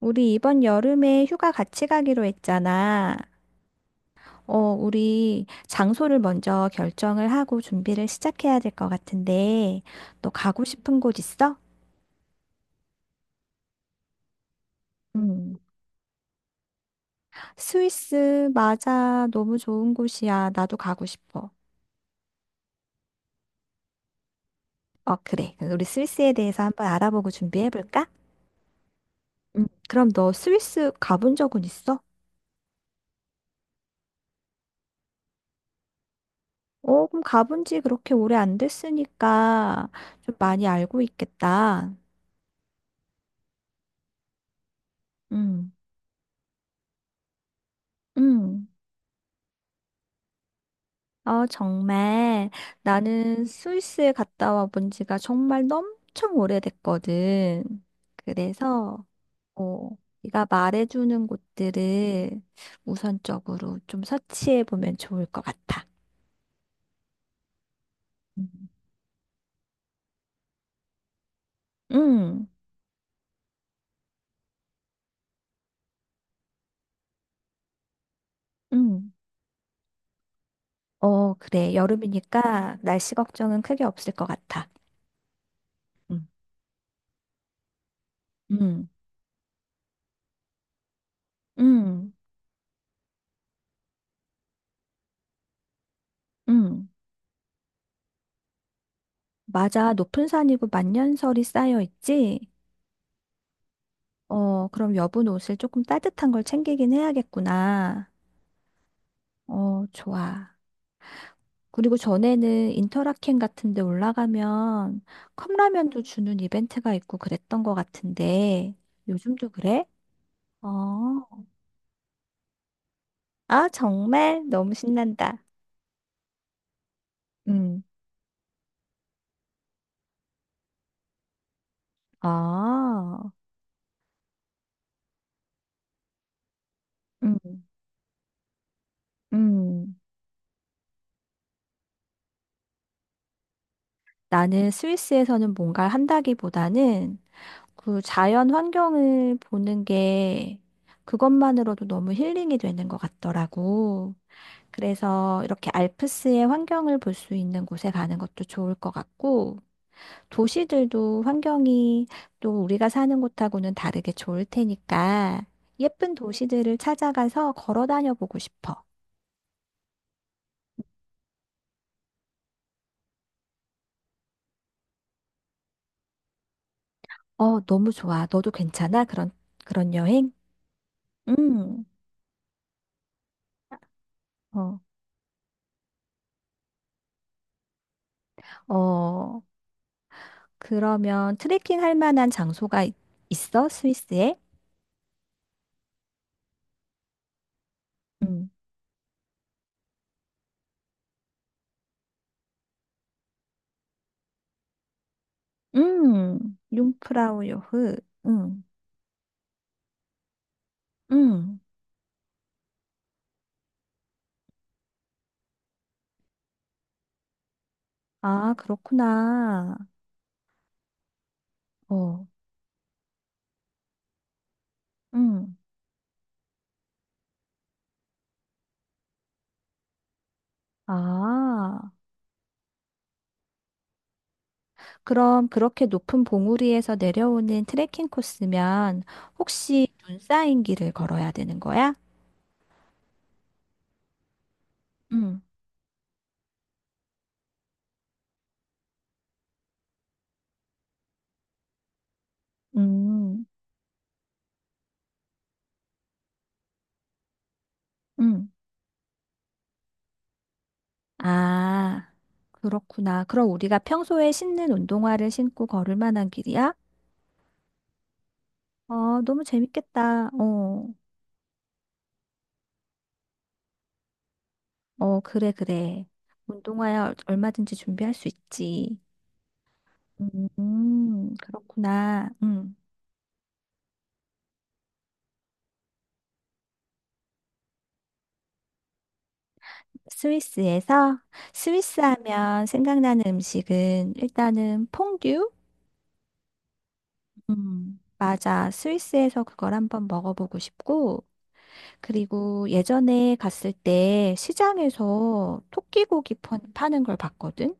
우리 이번 여름에 휴가 같이 가기로 했잖아. 어, 우리 장소를 먼저 결정을 하고 준비를 시작해야 될 것 같은데, 너 가고 싶은 곳 있어? 음. 스위스, 맞아. 너무 좋은 곳이야. 나도 가고 싶어. 어, 그래. 그럼 우리 스위스에 대해서 한번 알아보고 준비해볼까? 음. 그럼 너 스위스 가본 적은 있어? 어, 그럼 가본 지 그렇게 오래 안 됐으니까 좀 많이 알고 있겠다. 음. 음. 아, 정말. 나는 스위스에 갔다 와본 지가 정말 엄청 오래됐거든. 그래서, 어, 네가 말해주는 곳들을 우선적으로 좀 서치해 보면 좋을 것 같아. 음. 응, 응. 어, 그래. 여름이니까 날씨 걱정은 크게 없을 것 같아. 응, 응, 응, 응. 맞아. 높은 산이고 만년설이 쌓여 있지? 어, 그럼 여분 옷을 조금 따뜻한 걸 챙기긴 해야겠구나. 어, 좋아. 그리고 전에는 인터라켄 같은 데 올라가면 컵라면도 주는 이벤트가 있고 그랬던 것 같은데 요즘도 그래? 어, 아, 정말 너무 신난다. 음, 아, 음, 음. 나는 스위스에서는 뭔가를 한다기보다는 그 자연 환경을 보는 게 그것만으로도 너무 힐링이 되는 것 같더라고. 그래서 이렇게 알프스의 환경을 볼 수 있는 곳에 가는 것도 좋을 것 같고, 도시들도 환경이 또 우리가 사는 곳하고는 다르게 좋을 테니까, 예쁜 도시들을 찾아가서 걸어 다녀 보고 싶어. 어, 너무 좋아. 너도 괜찮아? 그런, 그런 여행? 음, 어, 어, 그러면 트레킹 할 만한 장소가 있어? 스위스에? 음, 융프라우 요흐. 음, 음. 아, 그렇구나. 어, 음. 아, 그럼 그렇게 높은 봉우리에서 내려오는 트레킹 코스면 혹시 눈 쌓인 길을 걸어야 되는 거야? 음, 음, 음. 아, 그렇구나. 그럼 우리가 평소에 신는 운동화를 신고 걸을 만한 길이야? 어, 너무 재밌겠다. 어, 어, 그래, 그래. 운동화야 얼마든지 준비할 수 있지. 그렇구나. 음. 스위스에서 스위스 하면 생각나는 음식은 일단은 퐁듀? 맞아. 스위스에서 그걸 한번 먹어보고 싶고, 그리고 예전에 갔을 때 시장에서 토끼고기 파는 걸 봤거든?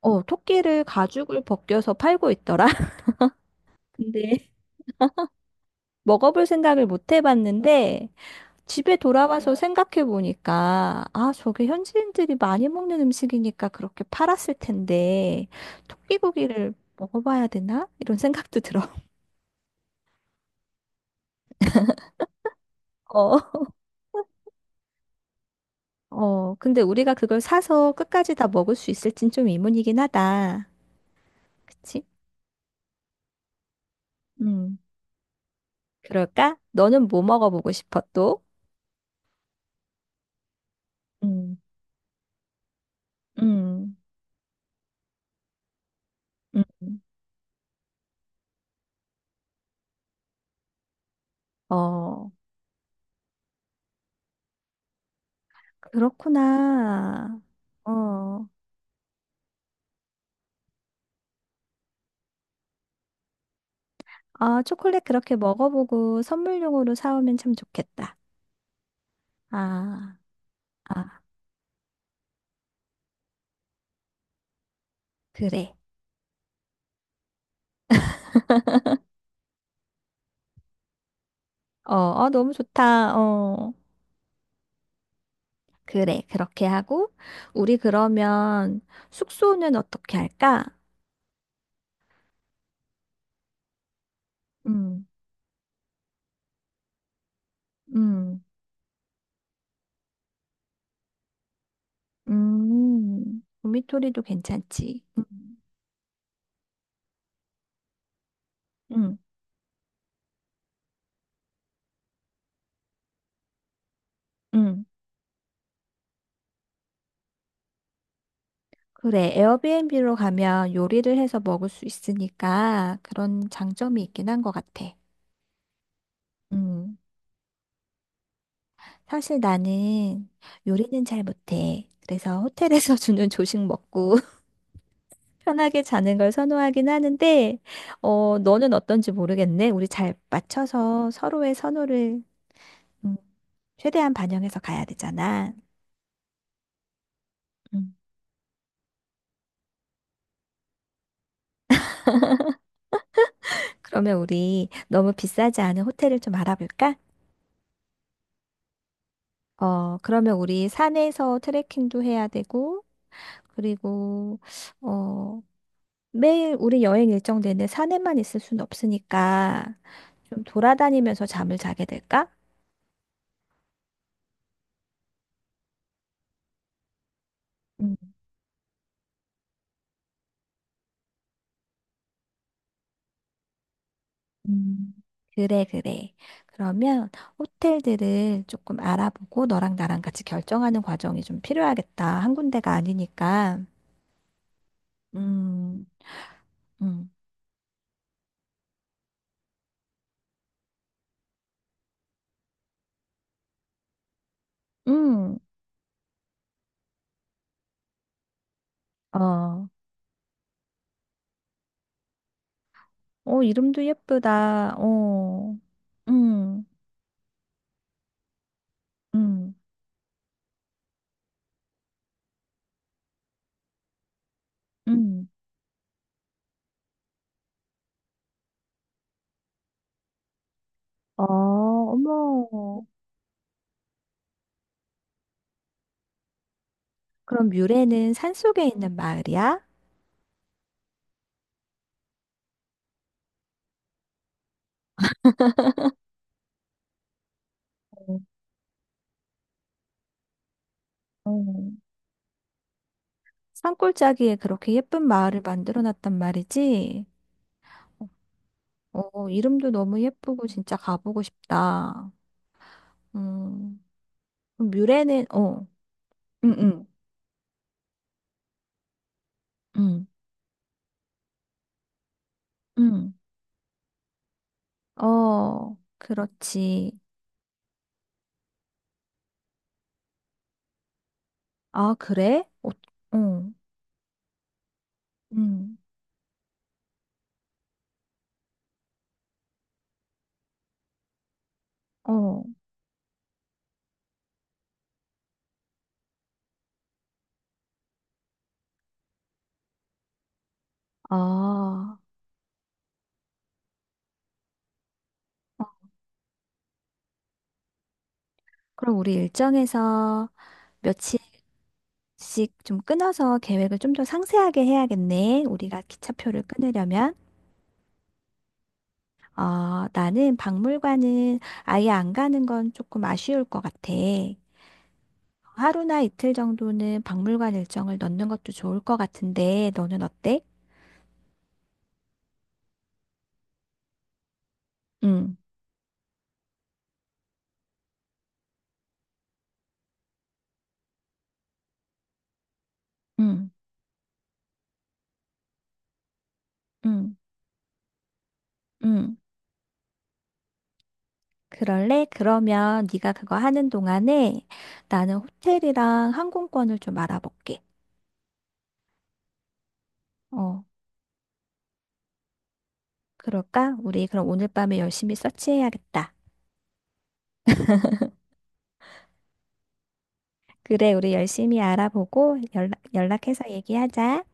어, 토끼를 가죽을 벗겨서 팔고 있더라. 근데 먹어볼 생각을 못 해봤는데, 집에 돌아와서 생각해 보니까, 아, 저게 현지인들이 많이 먹는 음식이니까 그렇게 팔았을 텐데, 토끼고기를 먹어봐야 되나? 이런 생각도 들어. 어. 어, 근데 우리가 그걸 사서 끝까지 다 먹을 수 있을진 좀 의문이긴 하다. 그치? 음, 그럴까? 너는 뭐 먹어보고 싶어, 또? 음, 음, 음. 어, 그렇구나. 어, 아, 초콜릿 그렇게 먹어보고 선물용으로 사오면 참 좋겠다. 아, 아, 그래. 어, 어, 너무 좋다. 어, 그래. 그렇게 하고, 우리 그러면 숙소는 어떻게 할까? 음, 음, 도미토리도 괜찮지. 음, 음. 그래. 에어비앤비로 가면 요리를 해서 먹을 수 있으니까 그런 장점이 있긴 한 것 같아. 음, 사실 나는 요리는 잘 못해. 그래서 호텔에서 주는 조식 먹고, 편하게 자는 걸 선호하긴 하는데, 어, 너는 어떤지 모르겠네. 우리 잘 맞춰서 서로의 선호를 음, 최대한 반영해서 가야 되잖아. 음. 그러면 우리 너무 비싸지 않은 호텔을 좀 알아볼까? 어, 그러면 우리 산에서 트레킹도 해야 되고, 그리고, 어, 매일 우리 여행 일정 내내 산에만 있을 순 없으니까 좀 돌아다니면서 잠을 자게 될까? 음, 그래, 그래. 그러면 호텔들을 조금 알아보고 너랑 나랑 같이 결정하는 과정이 좀 필요하겠다. 한 군데가 아니니까. 음, 음, 음, 어, 어, 이름도 예쁘다. 어, 음, 음, 음. 어, 어머. 그럼 뮤레는 산속에 있는 마을이야? 어, 어. 산골짜기에 그렇게 예쁜 마을을 만들어 놨단 말이지? 어, 이름도 너무 예쁘고 진짜 가보고 싶다. 음, 그럼 뮤레는, 어, 응, 응. 응, 응, 어, 그렇지. 아, 그래? 어, 응, 응, 어, 아. 어, 그럼 우리 일정에서 며칠씩 좀 끊어서 계획을 좀 더 상세하게 해야겠네. 우리가 기차표를 끊으려면. 아, 나는 박물관은 아예 안 가는 건 조금 아쉬울 것 같아. 하루나 이틀 정도는 박물관 일정을 넣는 것도 좋을 것 같은데, 너는 어때? 응, 응, 응, 응. 그럴래? 그러면 네가 그거 하는 동안에 나는 호텔이랑 항공권을 좀 알아볼게. 어, 그럴까? 우리 그럼 오늘 밤에 열심히 서치해야겠다. 그래, 우리 열심히 알아보고 연락, 연락해서 얘기하자.